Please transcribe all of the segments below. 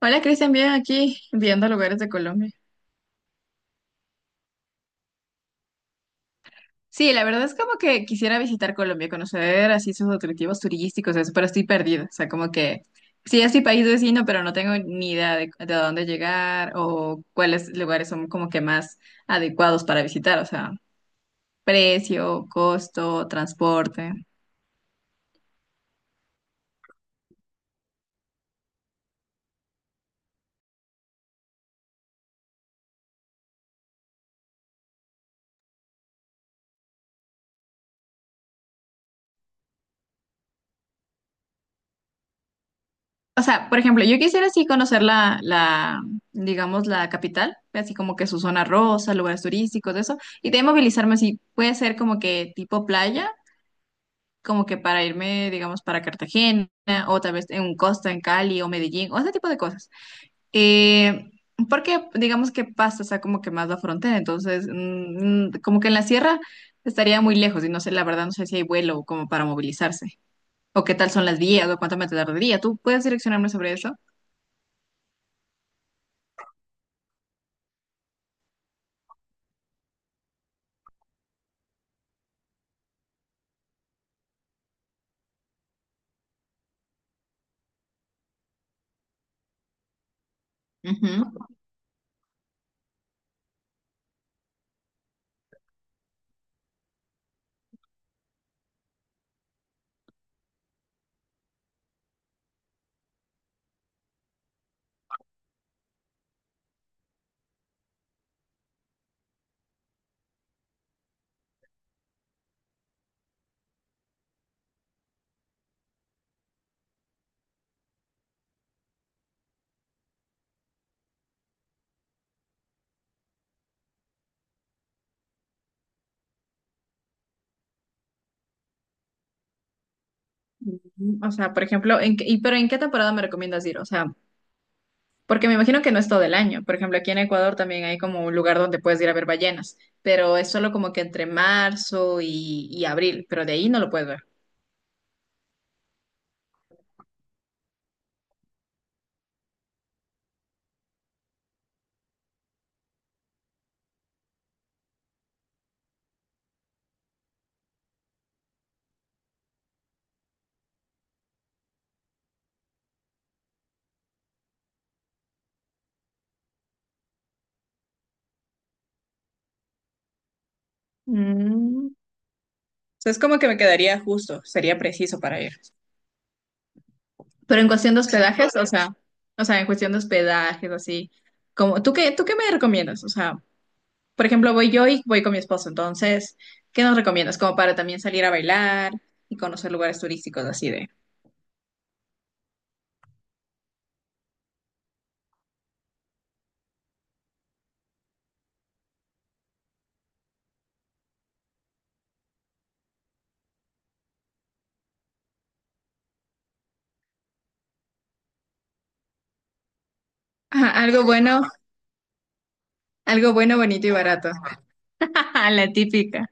Hola Cristian, bien aquí viendo lugares de Colombia. Sí, la verdad es como que quisiera visitar Colombia, conocer así sus atractivos turísticos, eso, pero estoy perdida. O sea, como que sí es mi país vecino, pero no tengo ni idea de a dónde llegar o cuáles lugares son como que más adecuados para visitar. O sea, precio, costo, transporte. O sea, por ejemplo, yo quisiera así conocer digamos, la capital, así como que su zona rosa, lugares turísticos, de eso. Y de ahí movilizarme así, puede ser como que tipo playa como que para irme, digamos, para Cartagena o tal vez en un Costa, en Cali o Medellín o ese tipo de cosas. Eh, Porque digamos que pasa, o sea, como que más la frontera, entonces como que en la sierra estaría muy lejos y no sé, la verdad no sé si hay vuelo como para movilizarse o qué tal son las vías o cuánto me tardaría. ¿Tú puedes direccionarme sobre eso? Ujú. Ujú. O sea, por ejemplo, ¿en qué temporada me recomiendas ir? O sea, porque me imagino que no es todo el año. Por ejemplo, aquí en Ecuador también hay como un lugar donde puedes ir a ver ballenas, pero es solo como que entre marzo y abril, pero de ahí no lo puedes ver. Mm. O sea, es como que me quedaría justo, sería preciso para ir. Pero en cuestión de hospedajes, o sea, en cuestión de hospedajes, así, como, ¿tú qué me recomiendas? O sea, por ejemplo, voy yo y voy con mi esposo, entonces, ¿qué nos recomiendas? Como para también salir a bailar y conocer lugares turísticos así de... Ajá, algo bueno, bonito y barato. Ah, la típica.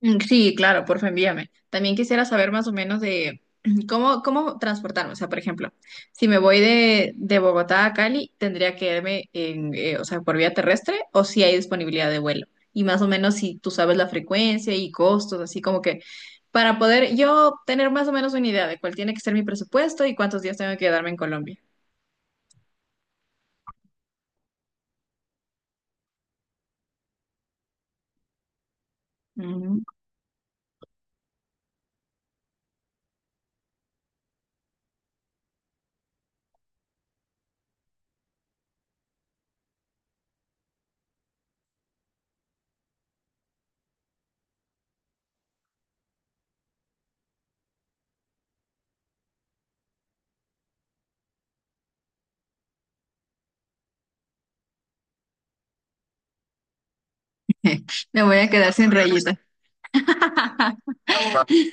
Mm, sí, claro, porfa, envíame. También quisiera saber más o menos de cómo transportarme. O sea, por ejemplo, si me voy de Bogotá a Cali, ¿tendría que irme o sea, por vía terrestre o si hay disponibilidad de vuelo? Y más o menos si tú sabes la frecuencia y costos, así como que para poder yo tener más o menos una idea de cuál tiene que ser mi presupuesto y cuántos días tengo que quedarme en Colombia. Ujú. Me voy a quedar sin rayitas.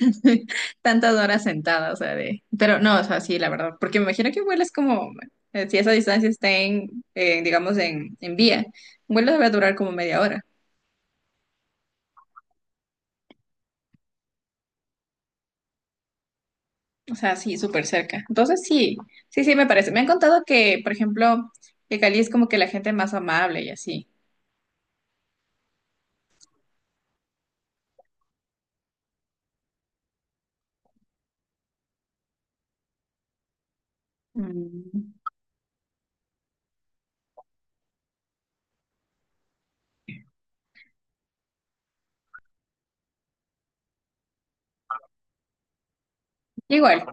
Tantas horas sentada, o sea, de... Pero no, o sea, sí, la verdad, porque me imagino que vuelas como, si esa distancia está en, digamos, en vía, un vuelo debe durar como media hora, o sea, sí, súper cerca. Entonces, sí, sí, me parece. Me han contado que, por ejemplo, que Cali es como que la gente más amable y así. Mm. Igual,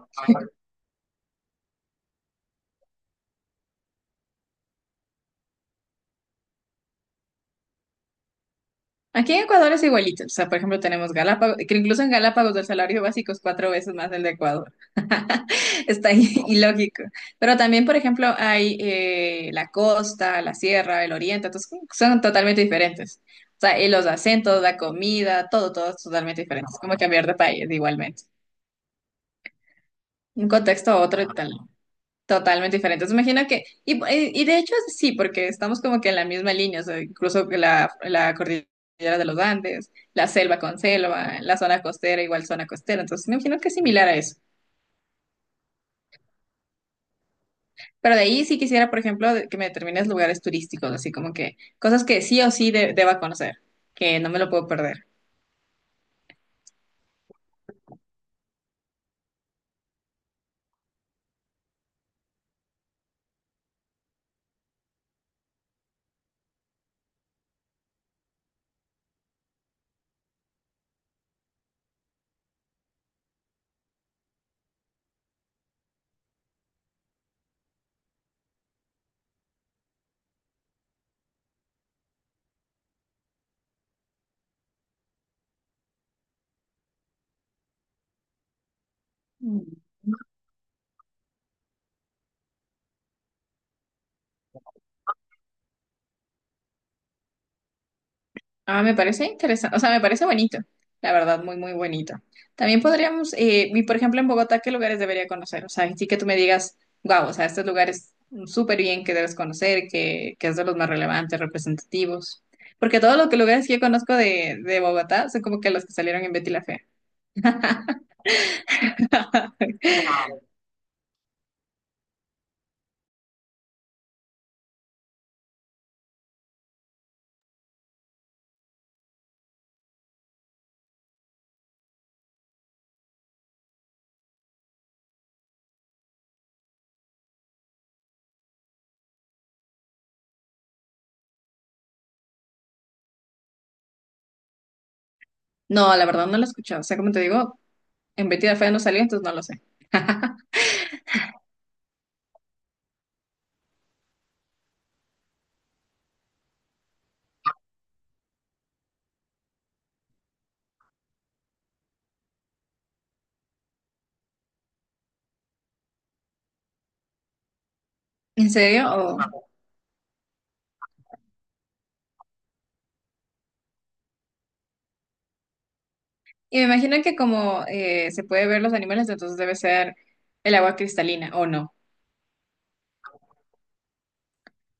aquí en Ecuador es igualito. O sea, por ejemplo, tenemos Galápagos, que incluso en Galápagos el salario básico es cuatro veces más el de Ecuador. Está ilógico. Pero también, por ejemplo, hay la costa, la sierra, el oriente, entonces son totalmente diferentes. O sea, y los acentos, la comida, todo, todo es totalmente diferente. Es como cambiar de país igualmente. Un contexto a otro y tal. Totalmente diferente, entonces imagino que, de hecho sí, porque estamos como que en la misma línea, o sea, incluso que la cordillera de los Andes, la selva con selva, la zona costera igual zona costera, entonces me imagino que es similar a eso. Pero de ahí sí quisiera, por ejemplo, que me determines lugares turísticos, así como que cosas que sí o sí deba conocer, que no me lo puedo perder. Ah, me parece interesante, o sea, me parece bonito, la verdad, muy, muy bonito. También podríamos, por ejemplo en Bogotá, ¿qué lugares debería conocer? O sea, sí que tú me digas, wow, o sea, estos lugares súper bien, que debes conocer, que es de los más relevantes, representativos. Porque todos los lugares que yo conozco de Bogotá son como que los que salieron en Betty la Fea. No, la verdad no lo he escuchado, o sea, como te digo, en Betty la Fea no salió, entonces no lo sé. ¿En serio? Oh. Y me imagino que como se puede ver los animales, entonces debe ser el agua cristalina, ¿o no?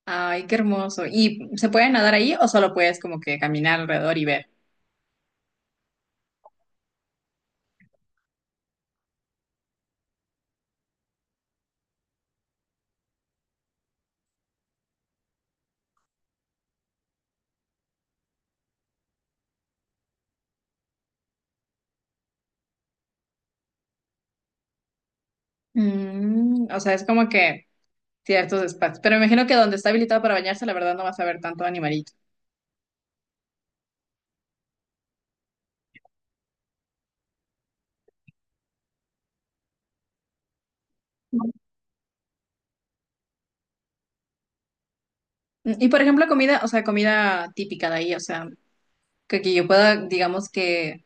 Ay, qué hermoso. ¿Y se puede nadar ahí o solo puedes como que caminar alrededor y ver? Mm, o sea, es como que ciertos espacios. Pero me imagino que donde está habilitado para bañarse, la verdad no vas a ver tanto animalito. Mm, y por ejemplo, comida, o sea, comida típica de ahí, o sea, que yo pueda, digamos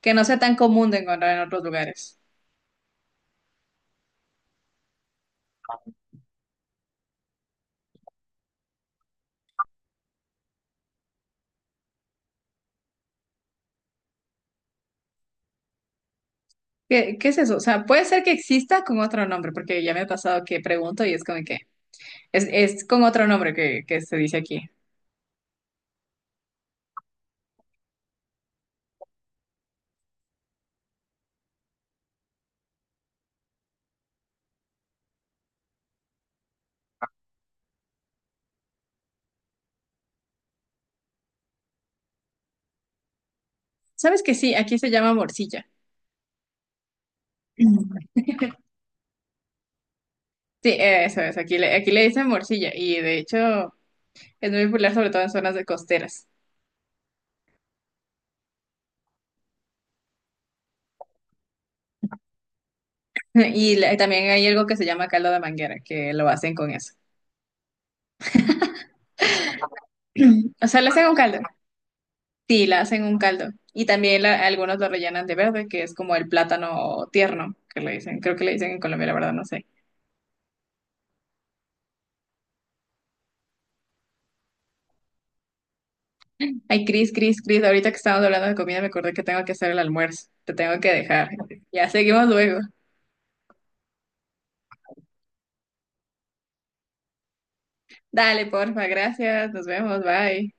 que no sea tan común de encontrar en otros lugares. ¿Qué, qué es eso? O sea, puede ser que exista con otro nombre, porque ya me ha pasado que pregunto y es como que es con otro nombre que se dice aquí. ¿Sabes que sí? Aquí se llama morcilla. Sí, eso es, aquí le dicen morcilla y de hecho es muy popular sobre todo en zonas de costeras. Y también hay algo que se llama caldo de manguera, que lo hacen con eso. O sea, le hacen un caldo. Sí, la hacen un caldo. Y también algunos lo rellenan de verde, que es como el plátano tierno, que le dicen. Creo que le dicen en Colombia, la verdad, no sé. Ay, Cris, Cris, Cris, ahorita que estamos hablando de comida me acordé que tengo que hacer el almuerzo. Te tengo que dejar. Ya seguimos luego. Dale, porfa, gracias. Nos vemos, bye.